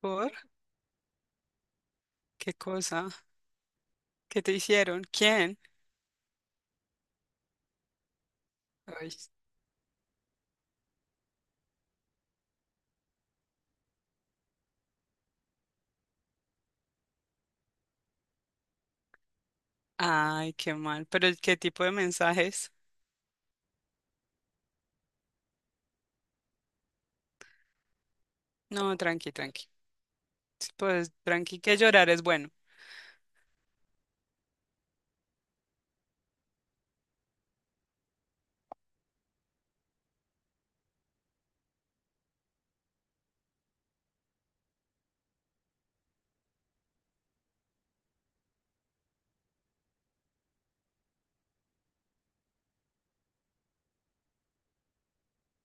¿Por? ¿Qué cosa? ¿Qué te hicieron? ¿Quién? Ay, ay, qué mal. ¿Pero qué tipo de mensajes? No, tranqui, tranqui. Pues tranqui, que llorar es bueno.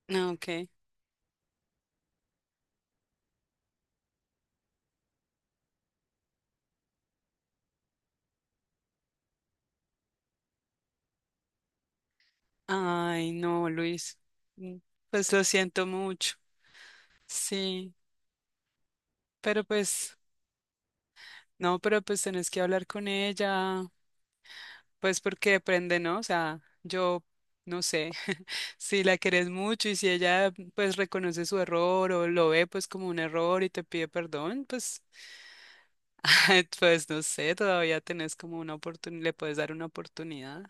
Ah, ok. Ay, no, Luis. Mm. Pues lo siento mucho. Sí, pero pues, no, pero pues tenés que hablar con ella. Pues porque depende, ¿no? O sea, yo no sé si la querés mucho y si ella pues reconoce su error o lo ve pues como un error y te pide perdón, pues. Pues no sé, todavía tenés como una oportunidad, le puedes dar una oportunidad.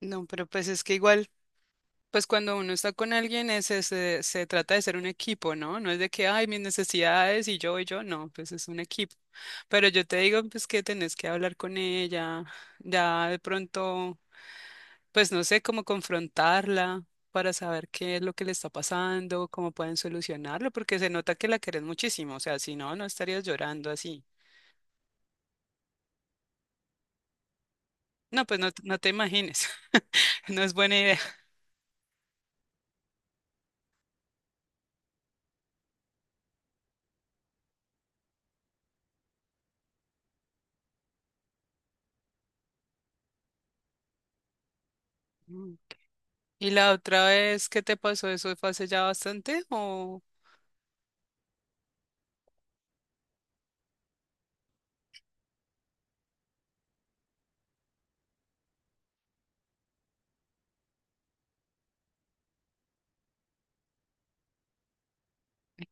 No, pero pues es que igual, pues cuando uno está con alguien es, se trata de ser un equipo, ¿no? No es de que, ay, mis necesidades y yo, no, pues es un equipo. Pero yo te digo, pues que tenés que hablar con ella, ya de pronto, pues no sé cómo confrontarla para saber qué es lo que le está pasando, cómo pueden solucionarlo, porque se nota que la querés muchísimo, o sea, si no, no estarías llorando así. No, pues no, no te imagines. No es buena idea. Mm. ¿Y la otra vez qué te pasó? ¿Eso fue hace ya bastante o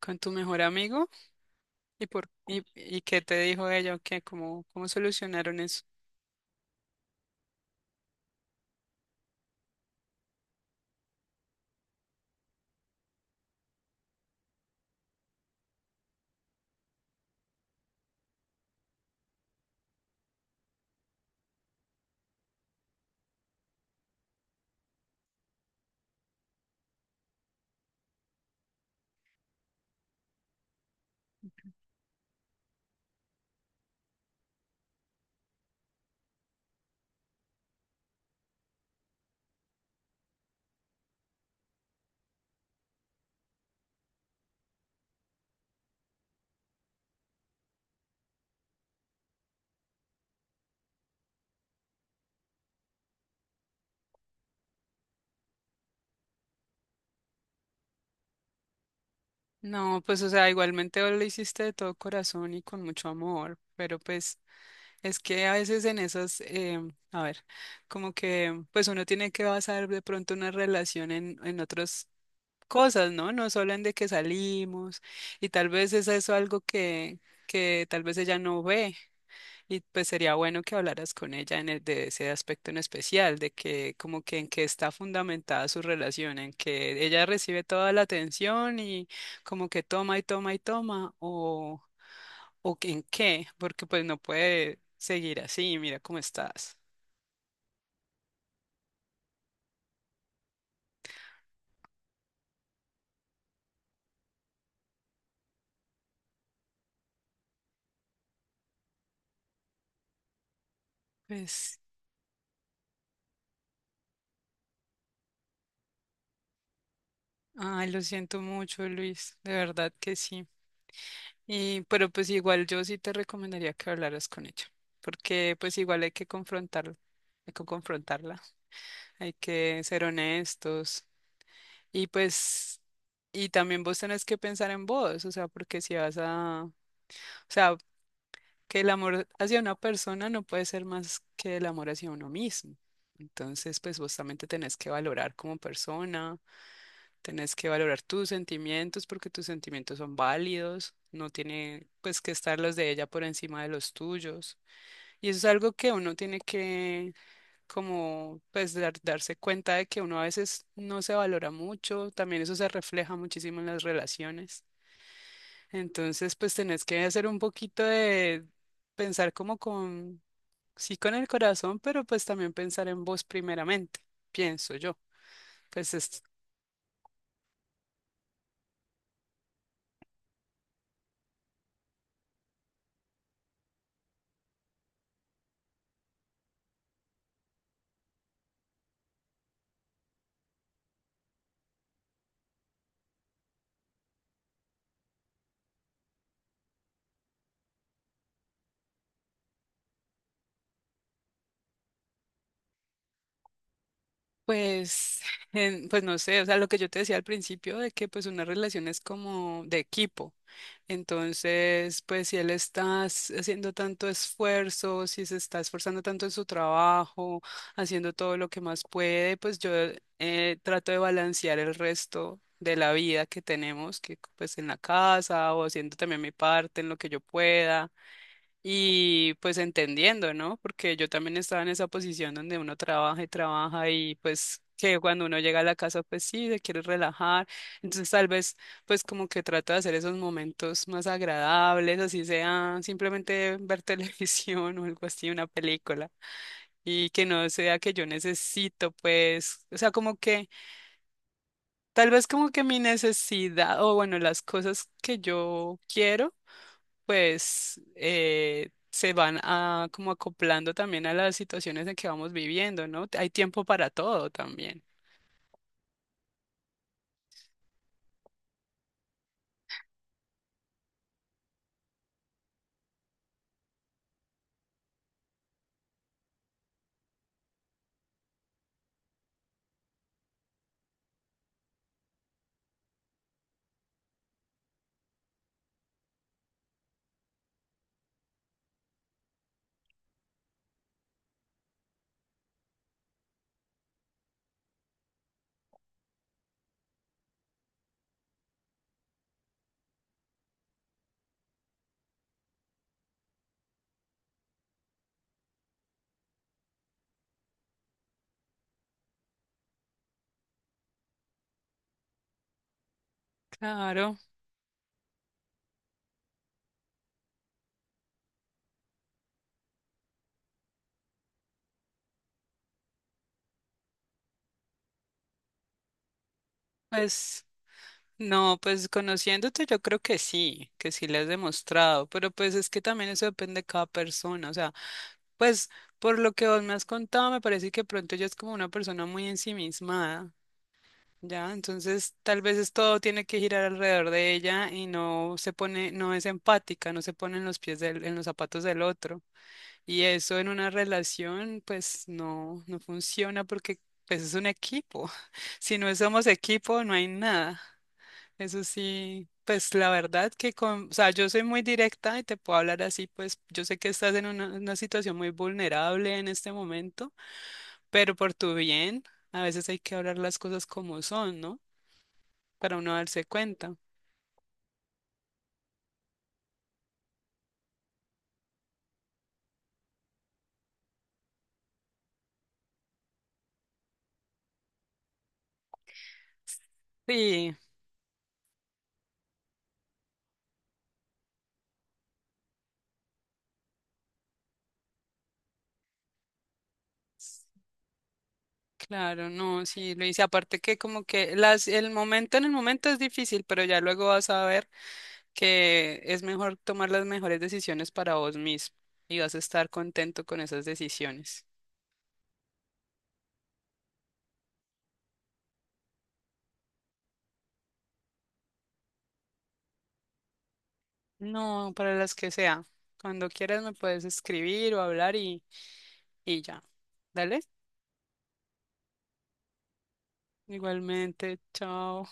con tu mejor amigo? ¿Y qué te dijo ella? O ¿qué, cómo, solucionaron eso? No, pues o sea, igualmente vos lo hiciste de todo corazón y con mucho amor, pero pues es que a veces en esas, a ver, como que pues uno tiene que basar de pronto una relación en, otros cosas, ¿no? No solo en de que salimos y tal vez es eso algo que tal vez ella no ve y pues sería bueno que hablaras con ella de ese aspecto en especial, de que como que en qué está fundamentada su relación, en que ella recibe toda la atención y como que toma y toma y toma o que en qué, porque pues no puede seguir así, mira cómo estás. Pues, ay, lo siento mucho, Luis, de verdad que sí. Y, pero pues igual yo sí te recomendaría que hablaras con ella, porque pues igual hay que confrontarla, hay que confrontarla, hay que ser honestos y pues, y también vos tenés que pensar en vos, o sea, porque si vas a, o sea, que el amor hacia una persona no puede ser más que el amor hacia uno mismo. Entonces, pues vos también te tenés que valorar como persona, tenés que valorar tus sentimientos porque tus sentimientos son válidos, no tiene pues que estar los de ella por encima de los tuyos. Y eso es algo que uno tiene que como pues darse cuenta de que uno a veces no se valora mucho, también eso se refleja muchísimo en las relaciones. Entonces pues tenés que hacer un poquito de pensar como sí con el corazón, pero pues también pensar en vos primeramente, pienso yo. Pues es Pues, pues no sé, o sea, lo que yo te decía al principio de que pues una relación es como de equipo. Entonces, pues si él está haciendo tanto esfuerzo, si se está esforzando tanto en su trabajo, haciendo todo lo que más puede, pues yo trato de balancear el resto de la vida que tenemos, que pues en la casa o haciendo también mi parte en lo que yo pueda. Y pues entendiendo, ¿no? Porque yo también estaba en esa posición donde uno trabaja y trabaja y pues que cuando uno llega a la casa pues sí, se quiere relajar. Entonces tal vez pues como que trato de hacer esos momentos más agradables, así sea simplemente ver televisión o algo así, una película. Y que no sea que yo necesito pues, o sea, como que tal vez como que mi necesidad o bueno, las cosas que yo quiero pues se van a, como acoplando también a las situaciones en que vamos viviendo, ¿no? Hay tiempo para todo también. Claro, pues no, pues conociéndote yo creo que sí le has demostrado, pero pues es que también eso depende de cada persona, o sea, pues por lo que vos me has contado, me parece que pronto ella es como una persona muy ensimismada. Ya, entonces tal vez es todo tiene que girar alrededor de ella y no se pone, no es empática, no se pone en los pies del, en los zapatos del otro. Y eso en una relación, pues no, no funciona porque pues, es un equipo. Si no somos equipo, no hay nada. Eso sí, pues la verdad que con, o sea, yo soy muy directa y te puedo hablar así, pues yo sé que estás en una situación muy vulnerable en este momento, pero por tu bien, a veces hay que hablar las cosas como son, ¿no? Para uno darse cuenta. Sí, claro, no, sí, lo hice. Aparte que como que las, el momento en el momento es difícil, pero ya luego vas a ver que es mejor tomar las mejores decisiones para vos mismo y vas a estar contento con esas decisiones. No, para las que sea. Cuando quieras me puedes escribir o hablar y ya. Dale. Igualmente, chao.